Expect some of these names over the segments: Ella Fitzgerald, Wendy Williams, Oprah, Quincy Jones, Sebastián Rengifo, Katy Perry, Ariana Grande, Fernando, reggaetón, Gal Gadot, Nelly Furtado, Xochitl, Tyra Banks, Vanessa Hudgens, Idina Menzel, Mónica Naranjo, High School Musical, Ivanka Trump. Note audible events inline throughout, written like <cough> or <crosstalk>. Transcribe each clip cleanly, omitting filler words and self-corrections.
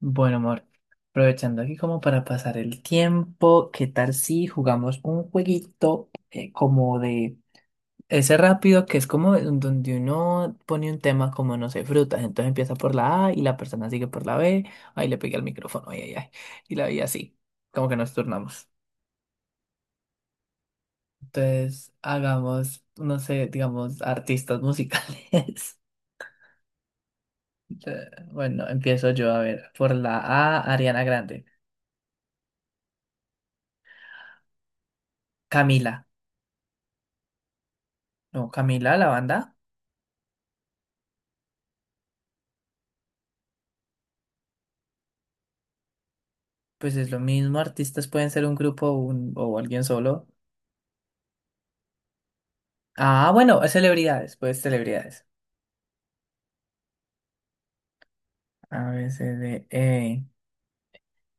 Bueno, amor, aprovechando aquí como para pasar el tiempo, ¿qué tal si jugamos un jueguito como de ese rápido que es como en donde uno pone un tema como, no sé, ¿frutas? Entonces empieza por la A y la persona sigue por la B. Ahí le pegué al micrófono, ay, ay, ay. Y la vi así, como que nos turnamos. Entonces hagamos, no sé, digamos, artistas musicales. <laughs> Bueno, empiezo yo a ver. Por la A, Ariana Grande. Camila. No, Camila, la banda. Pues es lo mismo, artistas pueden ser un grupo o, o alguien solo. Ah, bueno, celebridades, pues celebridades. A, B, C, D, E.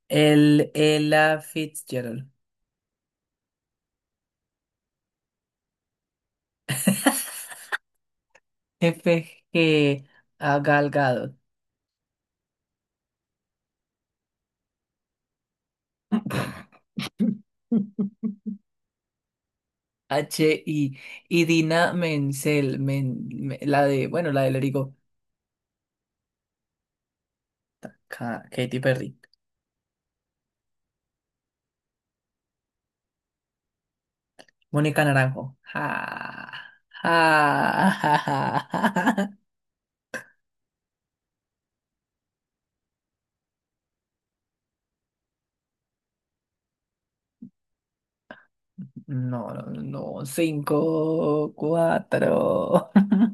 El, Ella Fitzgerald. F, G, A, Gal Gadot. <laughs> H, I, y Dina Menzel, la de, bueno, la de Lerigo. Katy Perry. Mónica Naranjo. Ja, ja, ja, ja, ja, ja. No, no, no. Cinco, cuatro. <laughs>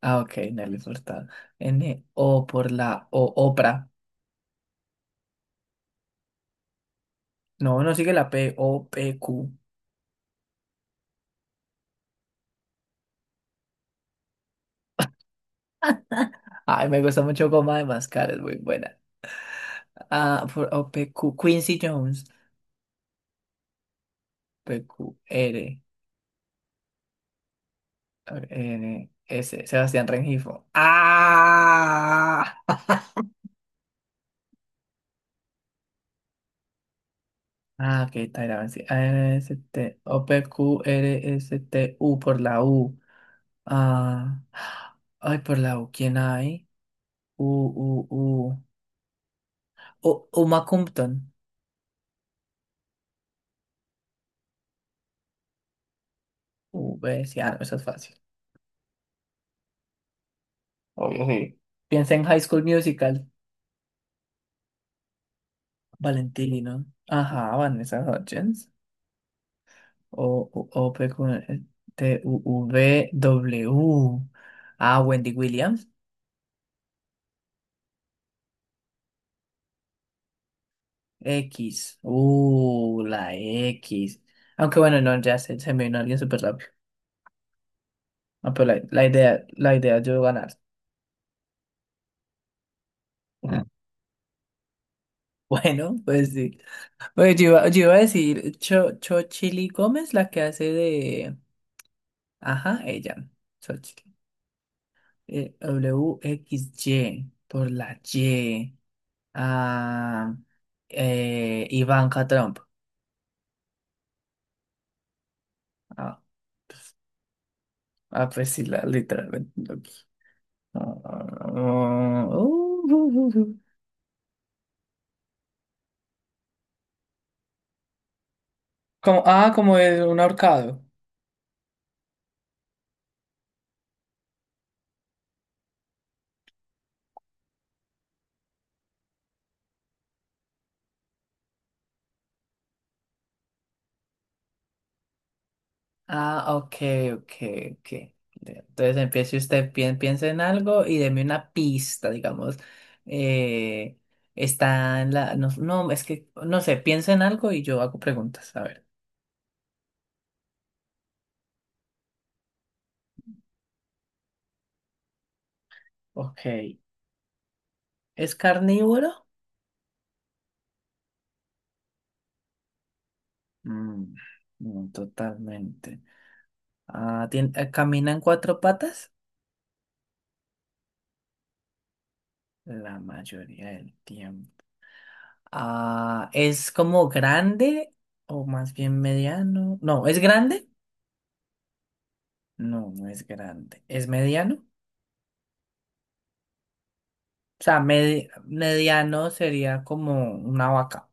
Ah, ok, Nelly Furtado. N, O por la O, Oprah. No, no sigue la P, O, P, Q. Ay, me gusta mucho Goma de Mascar, es muy buena. Ah, por O, P, Q. Quincy Jones. P, Q, R, N, S. Sebastián Rengifo. ¡Ah! Ah, ok, Tyra Banks. A, N, S, T, O, P, Q, R, S, T, U por la U. Ah, ay, por la U, ¿quién hay? U, U, U. U, Uma Compton. U, B, sí, ah, no, eso es fácil. Obvio, sí. Piensa en High School Musical. Valentino. Ajá, Vanessa Hudgens. O, U, O, P, Q, T, U, U, V, W. Ah, Wendy Williams. X. La X. Aunque bueno, no, ya se me vino alguien súper rápido. Ah, pero la idea es yo ganar. <laughs> Bueno, pues sí. Oye, yo iba a decir Cho, Chochili Gómez, la que hace de... Ajá, ella. Xochitl. WXY, por la Y. Ah, Ivanka Trump. Ah, pues, ah, pues sí, la, literalmente. Ah, ah, ah, uh, uh, uh, uh. Como, ah, como es un ahorcado. Ah, ok, ok, ok. Entonces empiece usted, piensa en algo y deme una pista, digamos. Eh, está en la... No, no, es que, no sé, piensa en algo y yo hago preguntas. A ver. Ok. ¿Es carnívoro? Mm, no, totalmente. Ah, ¿camina en cuatro patas? La mayoría del tiempo. Ah, ¿es como grande o más bien mediano? No, ¿es grande? No, no es grande. ¿Es mediano? O sea, mediano sería como una vaca.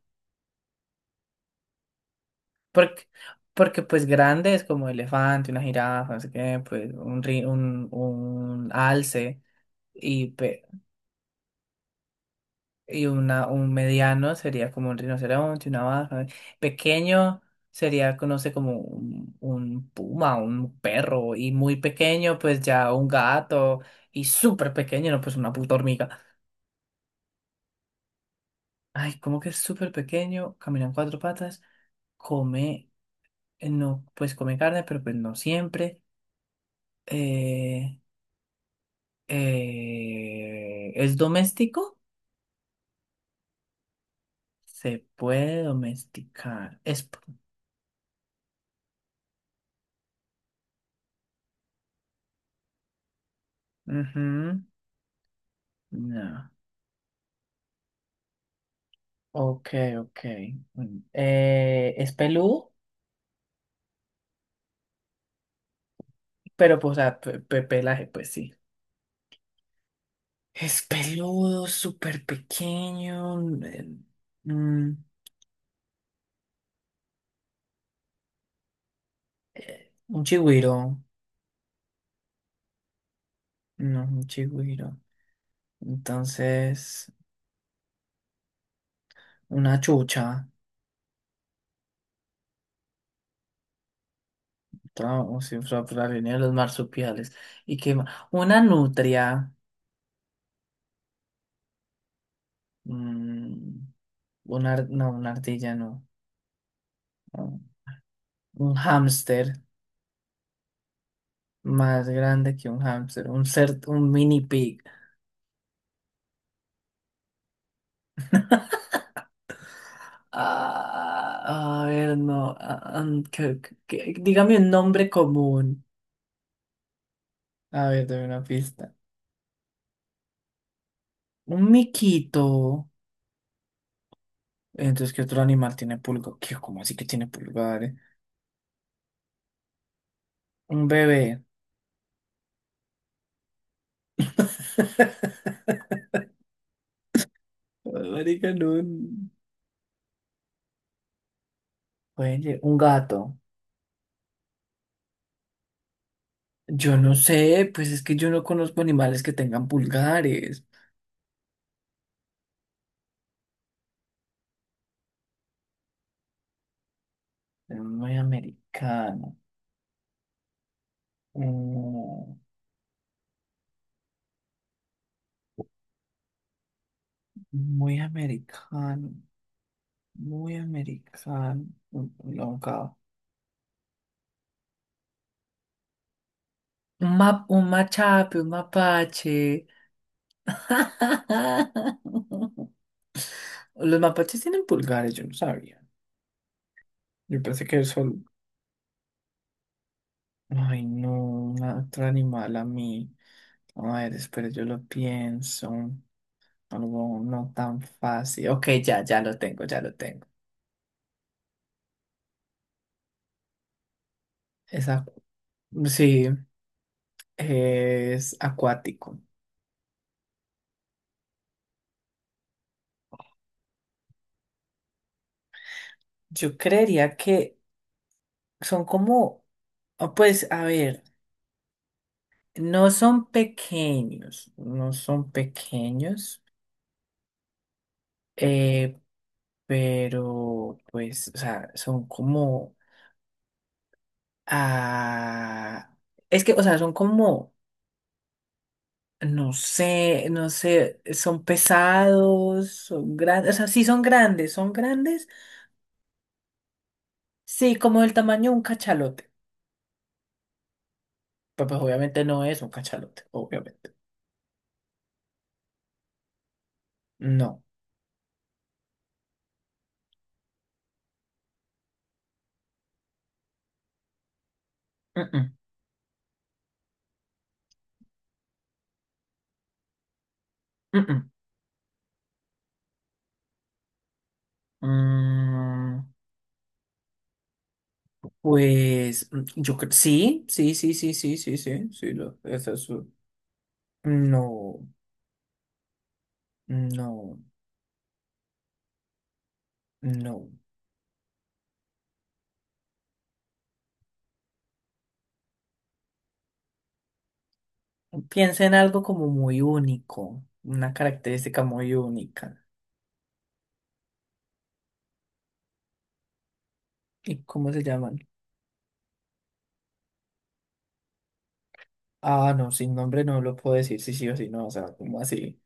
Porque, porque pues grande es como elefante, una jirafa, no sé qué, pues un, un alce y, pe- y una, un mediano sería como un rinoceronte, una vaca. Pequeño sería, no sé, como un puma, un perro. Y muy pequeño, pues ya un gato. Y súper pequeño, no, pues una puta hormiga. Ay, cómo que es súper pequeño, camina en cuatro patas, come, no, pues come carne, pero pues no siempre. Eh, ¿Es doméstico? Se puede domesticar. Es... ujú, No. Ok, ok. ¿Es peludo? Pero pues, pelaje, pues sí. Es peludo, súper pequeño. eh, mm, un chigüiro. No, un chigüiro. Entonces, una chucha, venía de los marsupiales. ¿Y qué más? Una nutria, mm, una, una ardilla, no. No, un hámster, más grande que un hámster, un ser, un mini pig. Ah, a ver, no. Dígame un nombre común. A ver, dame una pista. Un miquito. Entonces, ¿qué otro animal tiene pulga? ¿Qué? ¿Cómo así que tiene pulgares? Un bebé. <laughs> Marica, no. Oye, un gato. Yo no sé, pues es que yo no conozco animales que tengan pulgares. Muy americano. Mm, muy americano. Muy americano. Un ahorcado. Un machape, un mapache. <laughs> Los mapaches tienen pulgares, yo no sabía. Yo pensé que eso. Ay, no, otro animal a mí. A ver, espera, yo lo pienso. Algo no tan fácil. Ok, ya, ya lo tengo, ya lo tengo. Es acu- sí, es acuático. Yo creería que son como, ah, pues, a ver, no son pequeños, no son pequeños, eh, pero, pues, o sea, son como, ah, es que, o sea, son como no sé, no sé, son pesados, son grandes, o sea, sí son grandes, sí, como del tamaño de un cachalote. Pero pues obviamente no es un cachalote, obviamente. No. Mm-mm, mm-mm. Mm, pues mm, yo creo, sí, sí, sí, sí, sí, sí, sí, sí, lo, esa es su- No, no, no. Piensa en algo como muy único, una característica muy única. ¿Y cómo se llaman? Ah, no, sin nombre no lo puedo decir, sí, sí o sí, no, o sea, como así?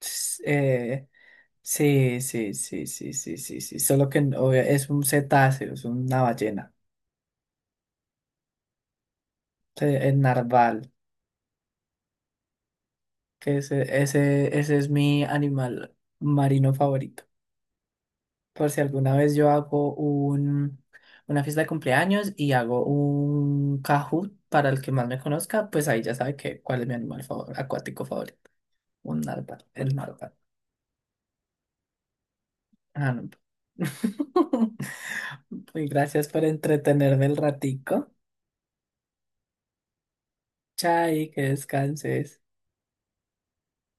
S- eh, sí, sí, sí, sí, sí, sí, sí, solo que no, obvia- es un cetáceo, es una ballena, el narval, que ese es mi animal marino favorito. Por si alguna vez yo hago un, una fiesta de cumpleaños y hago un Kahoot para el que más me conozca, pues ahí ya sabe que, cuál es mi animal favor, acuático favorito, un narval, el narval. Ah, no. <laughs> Pues gracias por entretenerme el ratico. Chai, que descanses.